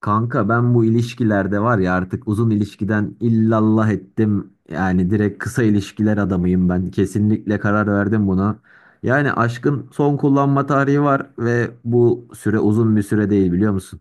Kanka ben bu ilişkilerde var ya artık uzun ilişkiden illallah ettim. Yani direkt kısa ilişkiler adamıyım ben. Kesinlikle karar verdim buna. Yani aşkın son kullanma tarihi var ve bu süre uzun bir süre değil biliyor musun?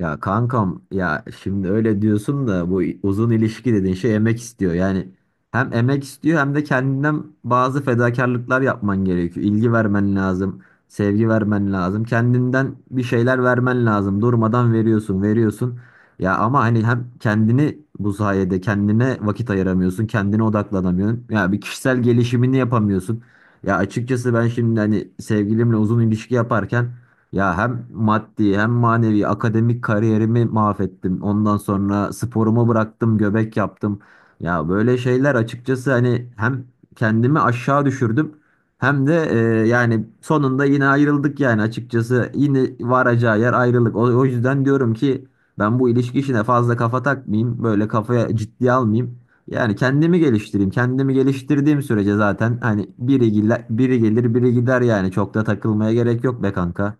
Ya kankam ya şimdi öyle diyorsun da bu uzun ilişki dediğin şey emek istiyor. Yani hem emek istiyor hem de kendinden bazı fedakarlıklar yapman gerekiyor. İlgi vermen lazım, sevgi vermen lazım. Kendinden bir şeyler vermen lazım. Durmadan veriyorsun, veriyorsun. Ya ama hani hem kendini bu sayede kendine vakit ayıramıyorsun, kendine odaklanamıyorsun. Ya bir kişisel gelişimini yapamıyorsun. Ya açıkçası ben şimdi hani sevgilimle uzun ilişki yaparken ya hem maddi hem manevi akademik kariyerimi mahvettim. Ondan sonra sporumu bıraktım, göbek yaptım. Ya böyle şeyler açıkçası hani hem kendimi aşağı düşürdüm hem de yani sonunda yine ayrıldık yani açıkçası yine varacağı yer ayrılık. O yüzden diyorum ki ben bu ilişki işine fazla kafa takmayayım, böyle kafaya ciddiye almayayım. Yani kendimi geliştireyim. Kendimi geliştirdiğim sürece zaten hani biri, biri gelir biri gider yani çok da takılmaya gerek yok be kanka.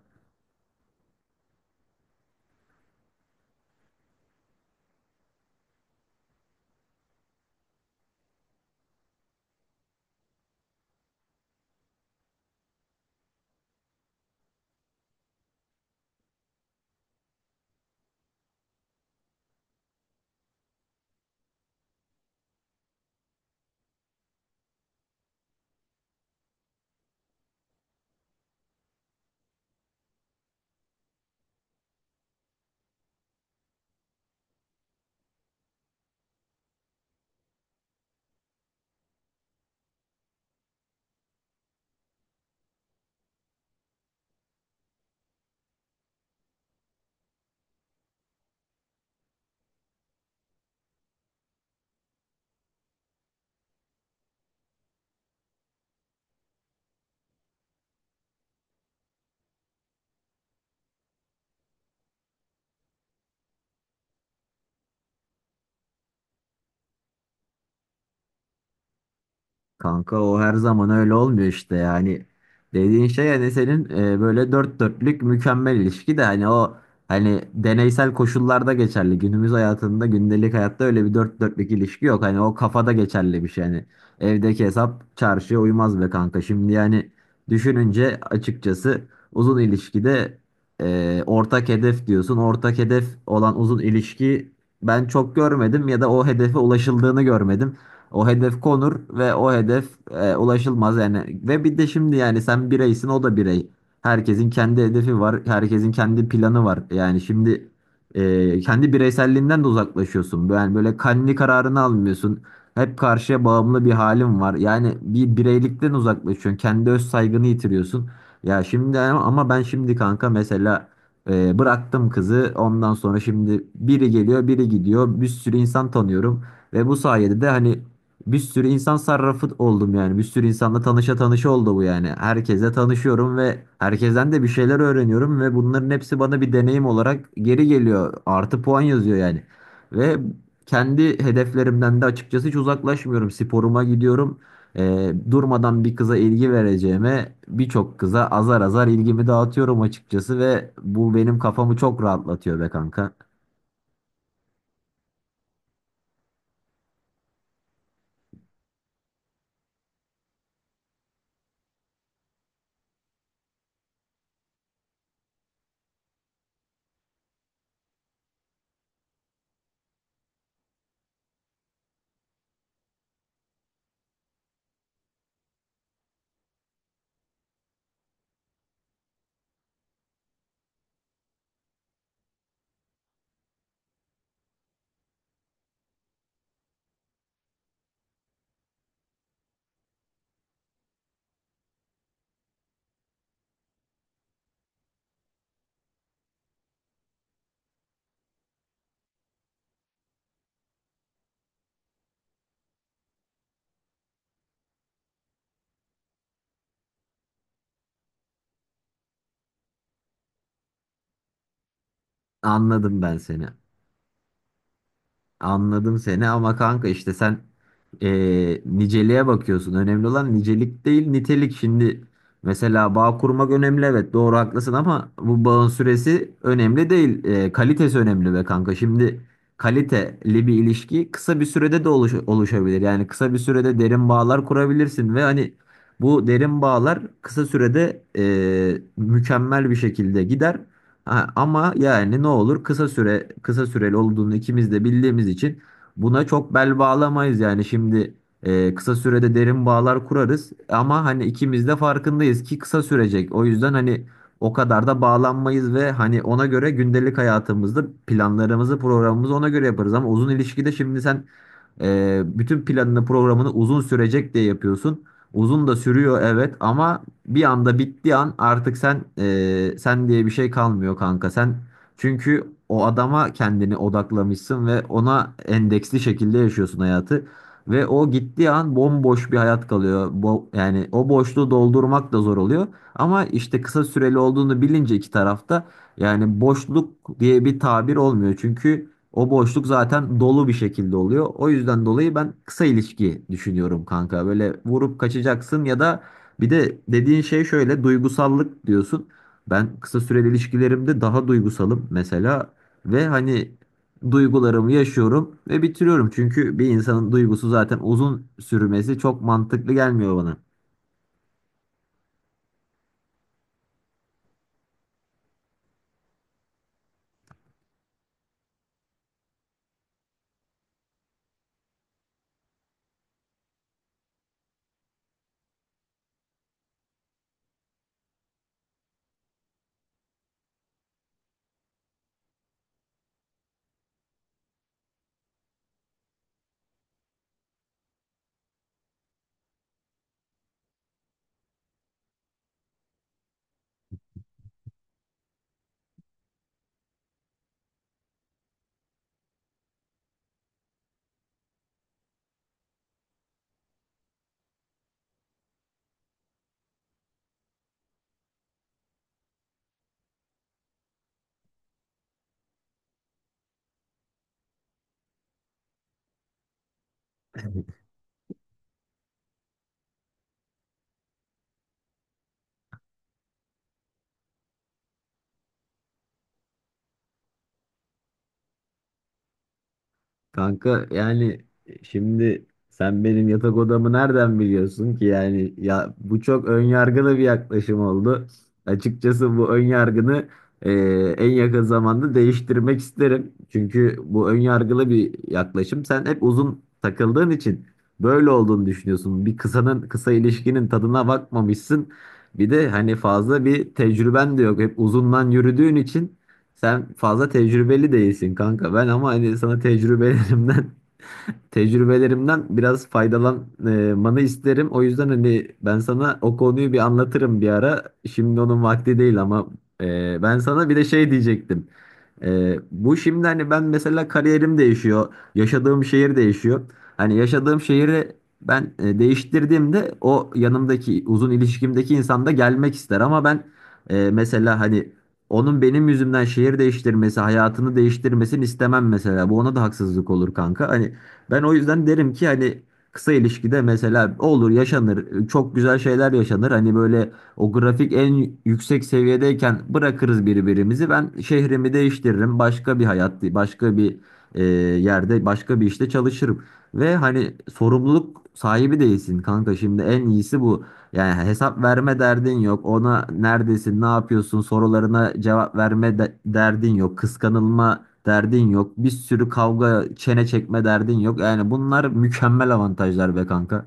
Kanka o her zaman öyle olmuyor işte yani dediğin şey hani senin böyle dört dörtlük mükemmel ilişki de hani o hani deneysel koşullarda geçerli günümüz hayatında gündelik hayatta öyle bir dört dörtlük ilişki yok hani o kafada geçerli bir şey yani evdeki hesap çarşıya uymaz be kanka şimdi yani düşününce açıkçası uzun ilişkide ortak hedef diyorsun ortak hedef olan uzun ilişki ben çok görmedim ya da o hedefe ulaşıldığını görmedim. O hedef konur ve o hedef ulaşılmaz yani. Ve bir de şimdi yani sen bireysin o da birey. Herkesin kendi hedefi var. Herkesin kendi planı var. Yani şimdi kendi bireyselliğinden de uzaklaşıyorsun. Yani böyle kendi kararını almıyorsun. Hep karşıya bağımlı bir halin var. Yani bir bireylikten uzaklaşıyorsun. Kendi öz saygını yitiriyorsun. Ya şimdi ama ben şimdi kanka mesela bıraktım kızı. Ondan sonra şimdi biri geliyor, biri gidiyor. Bir sürü insan tanıyorum ve bu sayede de hani bir sürü insan sarrafı oldum yani. Bir sürü insanla tanışa tanışa oldu bu yani. Herkese tanışıyorum ve herkesten de bir şeyler öğreniyorum ve bunların hepsi bana bir deneyim olarak geri geliyor. Artı puan yazıyor yani. Ve kendi hedeflerimden de açıkçası hiç uzaklaşmıyorum. Sporuma gidiyorum. Durmadan bir kıza ilgi vereceğime birçok kıza azar azar ilgimi dağıtıyorum açıkçası ve bu benim kafamı çok rahatlatıyor be kanka. Anladım ben seni. Anladım seni ama kanka işte sen niceliğe bakıyorsun. Önemli olan nicelik değil nitelik. Şimdi mesela bağ kurmak önemli evet doğru haklısın ama bu bağın süresi önemli değil. Kalitesi önemli be kanka. Şimdi kaliteli bir ilişki kısa bir sürede de oluşabilir. Yani kısa bir sürede derin bağlar kurabilirsin ve hani bu derin bağlar kısa sürede mükemmel bir şekilde gider. Ha, ama yani ne olur kısa süreli olduğunu ikimiz de bildiğimiz için buna çok bel bağlamayız yani şimdi kısa sürede derin bağlar kurarız ama hani ikimiz de farkındayız ki kısa sürecek o yüzden hani o kadar da bağlanmayız ve hani ona göre gündelik hayatımızda planlarımızı programımızı ona göre yaparız ama uzun ilişkide şimdi sen bütün planını programını uzun sürecek diye yapıyorsun uzun da sürüyor evet ama bir anda bittiği an artık sen sen diye bir şey kalmıyor kanka. Sen çünkü o adama kendini odaklamışsın ve ona endeksli şekilde yaşıyorsun hayatı. Ve o gittiği an bomboş bir hayat kalıyor. Yani o boşluğu doldurmak da zor oluyor. Ama işte kısa süreli olduğunu bilince iki tarafta yani boşluk diye bir tabir olmuyor. Çünkü o boşluk zaten dolu bir şekilde oluyor. O yüzden dolayı ben kısa ilişki düşünüyorum kanka. Böyle vurup kaçacaksın ya da bir de dediğin şey şöyle duygusallık diyorsun. Ben kısa süreli ilişkilerimde daha duygusalım mesela ve hani duygularımı yaşıyorum ve bitiriyorum. Çünkü bir insanın duygusu zaten uzun sürmesi çok mantıklı gelmiyor bana. Kanka yani şimdi sen benim yatak odamı nereden biliyorsun ki yani ya bu çok ön yargılı bir yaklaşım oldu. Açıkçası bu ön yargını e, en yakın zamanda değiştirmek isterim. Çünkü bu ön yargılı bir yaklaşım. Sen hep uzun takıldığın için böyle olduğunu düşünüyorsun. Bir kısa ilişkinin tadına bakmamışsın. Bir de hani fazla bir tecrüben de yok. Hep uzundan yürüdüğün için sen fazla tecrübeli değilsin kanka. Ben ama hani sana tecrübelerimden biraz faydalanmanı isterim. O yüzden hani ben sana o konuyu bir anlatırım bir ara. Şimdi onun vakti değil ama ben sana bir de şey diyecektim. Bu şimdi hani ben mesela kariyerim değişiyor, yaşadığım şehir değişiyor. Hani yaşadığım şehri ben değiştirdiğimde o yanımdaki uzun ilişkimdeki insan da gelmek ister ama ben mesela hani onun benim yüzümden şehir değiştirmesi, hayatını değiştirmesini istemem mesela. Bu ona da haksızlık olur kanka. Hani ben o yüzden derim ki hani kısa ilişkide mesela olur yaşanır, çok güzel şeyler yaşanır. Hani böyle o grafik en yüksek seviyedeyken bırakırız birbirimizi. Ben şehrimi değiştiririm. Başka bir hayat, başka bir yerde, başka bir işte çalışırım. Ve hani sorumluluk sahibi değilsin kanka. Şimdi en iyisi bu. Yani hesap verme derdin yok. Ona neredesin, ne yapıyorsun sorularına cevap derdin yok. Kıskanılma derdin yok. Bir sürü kavga, çene çekme derdin yok. Yani bunlar mükemmel avantajlar be kanka.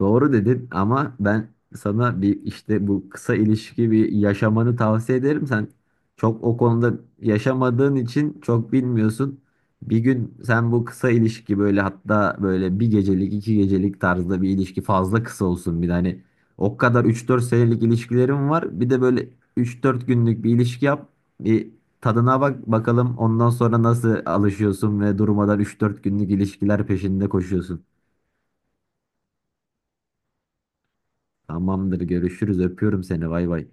Doğru dedin ama ben sana bir işte bu kısa ilişki bir yaşamanı tavsiye ederim. Sen çok o konuda yaşamadığın için çok bilmiyorsun. Bir gün sen bu kısa ilişki böyle hatta böyle bir gecelik 2 gecelik tarzda bir ilişki fazla kısa olsun bir de hani o kadar 3-4 senelik ilişkilerim var. Bir de böyle 3-4 günlük bir ilişki yap. Bir tadına bak bakalım ondan sonra nasıl alışıyorsun ve durmadan 3-4 günlük ilişkiler peşinde koşuyorsun. Tamamdır görüşürüz öpüyorum seni bay bay.